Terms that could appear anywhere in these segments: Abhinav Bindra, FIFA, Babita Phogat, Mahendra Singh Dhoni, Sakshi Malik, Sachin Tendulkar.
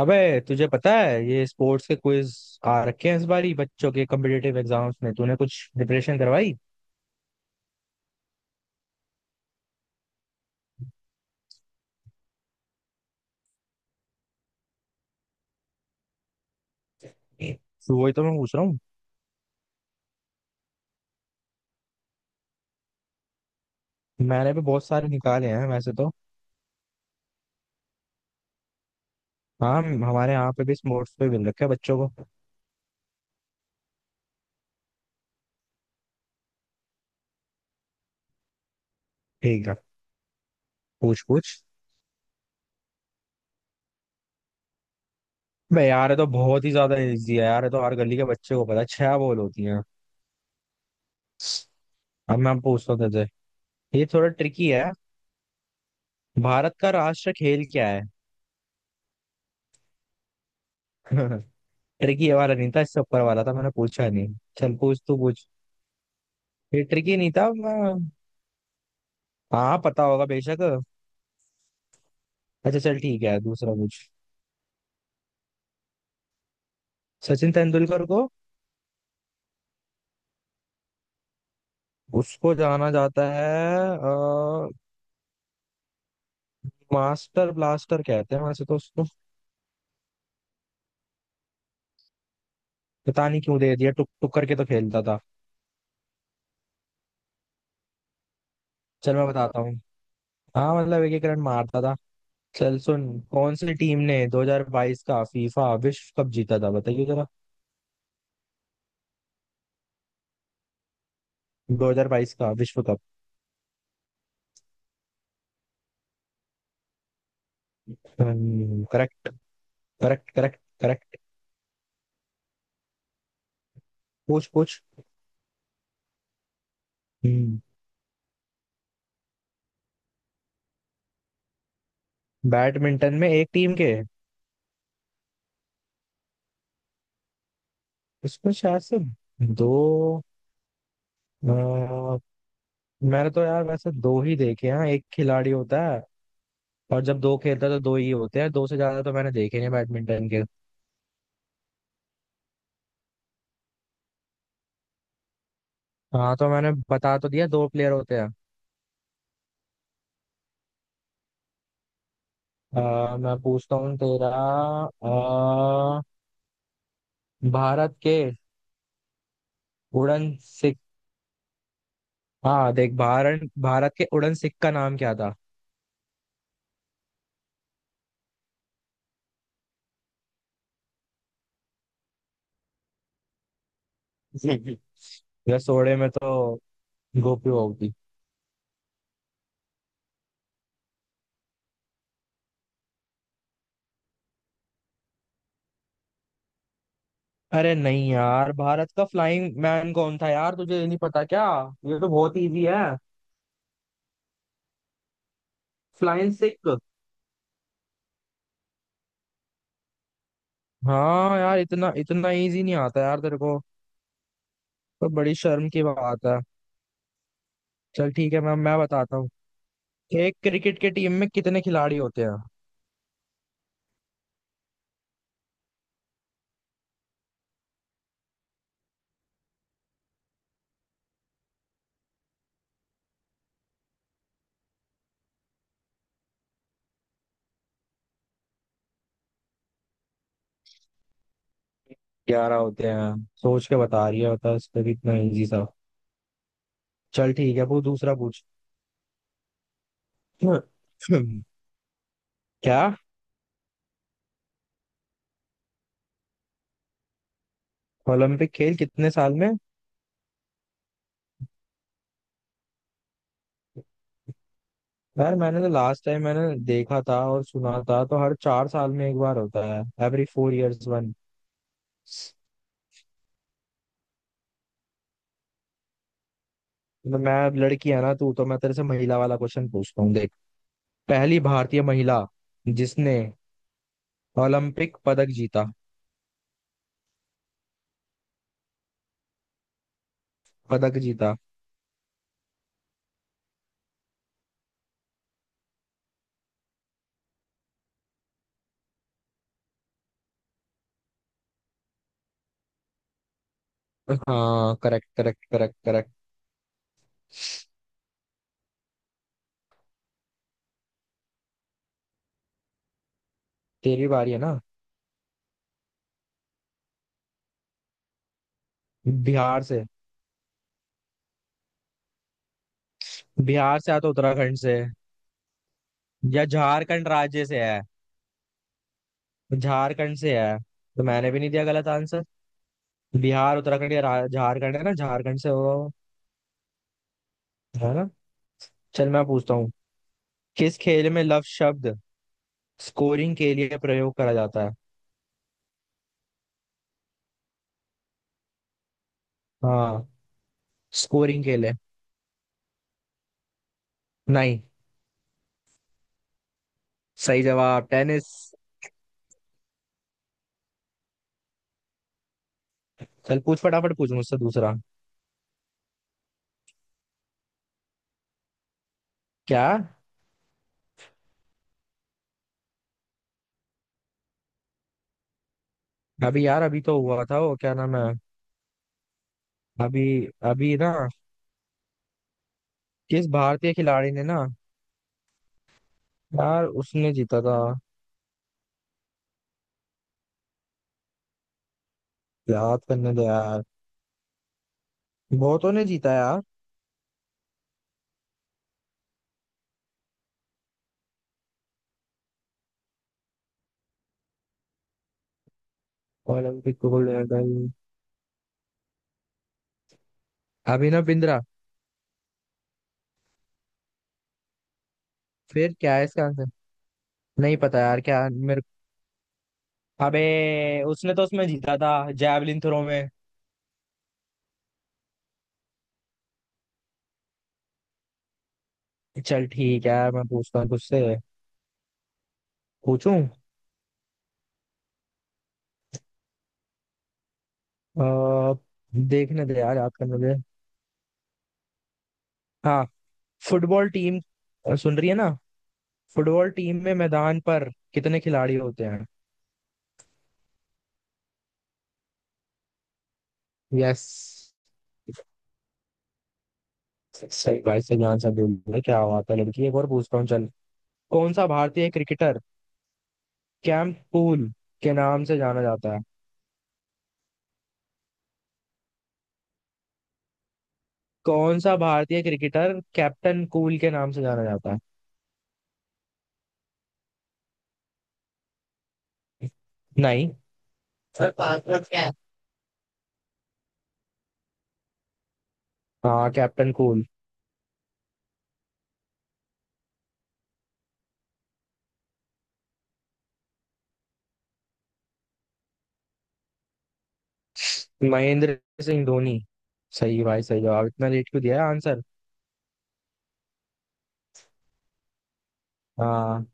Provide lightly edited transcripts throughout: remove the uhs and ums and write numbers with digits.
अबे, तुझे पता है ये स्पोर्ट्स के क्विज आ रखे हैं। इस बारी बच्चों के कम्पिटेटिव एग्जाम्स में तूने कुछ प्रिपरेशन करवाई? तो वही तो मैं पूछ रहा हूँ। मैंने भी बहुत सारे निकाले हैं वैसे तो। हाँ, हमारे यहाँ पे भी स्पोर्ट्स पे मिल रखे हैं बच्चों को। ठीक है। पूछ पूछ। बे यार, ये तो बहुत ही ज्यादा इजी है यार, ये तो हर गली के बच्चे को पता है, 6 बॉल होती हैं। अब मैं पूछता हूँ तुझे, ये थोड़ा ट्रिकी है। भारत का राष्ट्र खेल क्या है? ट्रिकी ये वाला नहीं था, इससे ऊपर वाला था, मैंने पूछा नहीं। चल पूछ, तू पूछ। ये ट्रिकी नहीं था मैं। हाँ पता होगा बेशक। अच्छा चल ठीक है, दूसरा पूछ। सचिन तेंदुलकर को, उसको जाना जाता है, अ, मास्टर ब्लास्टर कहते हैं वैसे तो उसको। पता नहीं क्यों दे दिया, टुक टुक करके तो खेलता था। चल मैं बताता हूँ। हाँ मतलब एक एक रन मारता था। चल सुन, कौन सी टीम ने 2022 का फीफा विश्व कप जीता था बताइए जरा। 2022 का विश्व cup. Correct correct correct correct. पूछ पूछ। हम्म, बैडमिंटन में एक टीम के, उसमें शायद से दो। अ, मैंने तो यार वैसे दो ही देखे हैं, एक खिलाड़ी होता है। और जब दो खेलता है तो दो ही होते हैं, दो से ज्यादा तो मैंने देखे नहीं बैडमिंटन के। हाँ तो मैंने बता तो दिया, 2 प्लेयर होते हैं। मैं पूछता हूँ तेरा। अ, भारत के उड़न सिख, हाँ देख, भारत भारत के उड़न सिख का नाम क्या था? रसोड़े में तो गोपी होगी। अरे नहीं यार, भारत का फ्लाइंग मैन कौन था यार, तुझे ये नहीं पता क्या? ये तो बहुत इजी है। फ्लाइंग सिख। हाँ यार, इतना इतना इजी नहीं आता यार तेरे को, तो बड़ी शर्म की बात है। चल ठीक है, मैं बताता हूँ। एक क्रिकेट के टीम में कितने खिलाड़ी होते हैं? 11 होते हैं। सोच के बता रही है, बता, इस पे भी इतना इजी सा। चल ठीक है, वो दूसरा पूछ। क्या? ओलंपिक खेल कितने साल में? यार मैंने तो लास्ट टाइम मैंने देखा था और सुना था, तो हर 4 साल में एक बार होता है, एवरी 4 इयर्स वन। मैं अब, लड़की है ना तू, तो मैं तेरे से महिला वाला क्वेश्चन पूछता हूँ। पहली भारतीय महिला जिसने ओलंपिक पदक जीता। पदक जीता। हाँ, करेक्ट करेक्ट करेक्ट करेक्ट। तेरी बारी है ना। बिहार से। बिहार से या तो उत्तराखंड से। या झारखंड राज्य से है। झारखंड से है। तो मैंने भी नहीं दिया गलत आंसर। बिहार, उत्तराखंड या झारखंड, है ना, झारखंड से होगा वो, है ना? चल मैं पूछता हूँ। किस खेल में लव शब्द स्कोरिंग के लिए प्रयोग करा जाता है? हाँ, स्कोरिंग के लिए। नहीं, सही जवाब टेनिस। चल पूछ, फटाफट पूछ मुझसे दूसरा। क्या? अभी यार, अभी तो हुआ था वो, क्या नाम है। अभी, अभी ना। किस भारतीय खिलाड़ी ने ना। यार उसने जीता था। याद करने दो यार। बहुतों ने जीता यार। Olympic gold medal. Abhinav Bindra. फिर क्या है इसका आंसर? नहीं पता यार, क्या मेरे। अबे, उसने तो उसमें जीता था, जैवलिन थ्रो में। चल ठीक है यार, मैं पूछता हूँ तुझसे। पूछूं? अ, देखने दे यार, याद करने दे। हाँ, फुटबॉल टीम, सुन रही है ना? फुटबॉल टीम में मैदान पर कितने खिलाड़ी होते हैं? यस। सही भाई, सही आंसर बोल रहे हैं। क्या बात है लड़की, एक और पूछता हूँ चल। कौन सा भारतीय क्रिकेटर कैप्टन कूल के नाम से जाना जाता है? कौन सा भारतीय क्रिकेटर कैप्टन कूल के नाम से जाना जाता है? नहीं। सर, पासवर्ड क्या है? हाँ, कैप्टन कूल। महेंद्र सिंह धोनी। सही भाई, सही जवाब, इतना लेट क्यों दिया है आंसर। हाँ।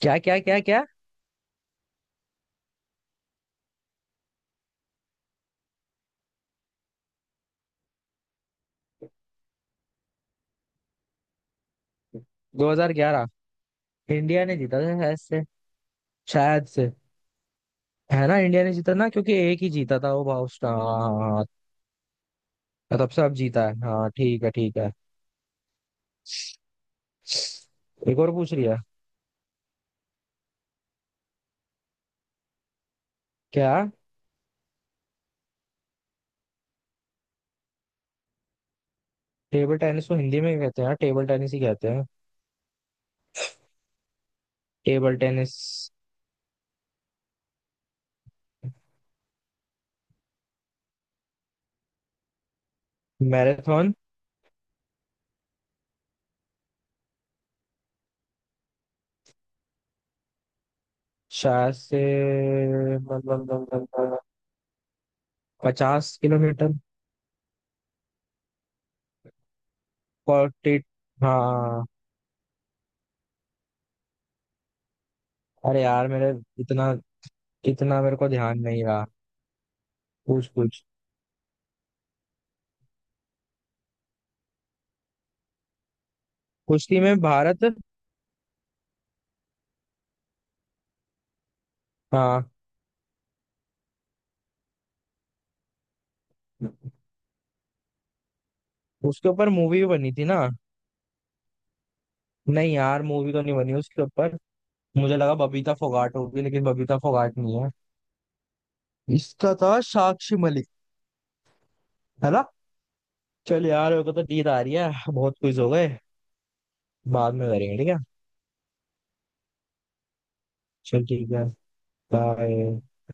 क्या क्या क्या क्या? 2011? इंडिया ने जीता था शायद से। शायद से। है ना, इंडिया ने जीता ना, क्योंकि एक ही जीता था वो भाउस, हाँ हाँ, हाँ, तब से अब जीता है। हाँ, ठीक है ठीक है। एक और पूछ रही है। क्या? टेबल टेनिस को हिंदी में क्या कहते हैं? टेबल टेनिस ही कहते हैं। Table tennis. मैराथन। शायद से 50 किलोमीटर। 40। हाँ। अरे यार मेरे, इतना, इतना मेरे को ध्यान नहीं रहा। पूछ पूछ। कुश्ती में भारत। हाँ। उसके ऊपर मूवी भी बनी थी ना? नहीं यार, मूवी तो नहीं बनी उसके ऊपर। मुझे लगा बबीता फोगाट होगी, लेकिन बबीता फोगाट नहीं है। इसका था साक्षी मलिक। है ना? चल यार, मेरे को तो नींद आ रही है, बहुत कुछ हो गए। बाद में करेंगे, ठीक है। चल ठीक है। बाय।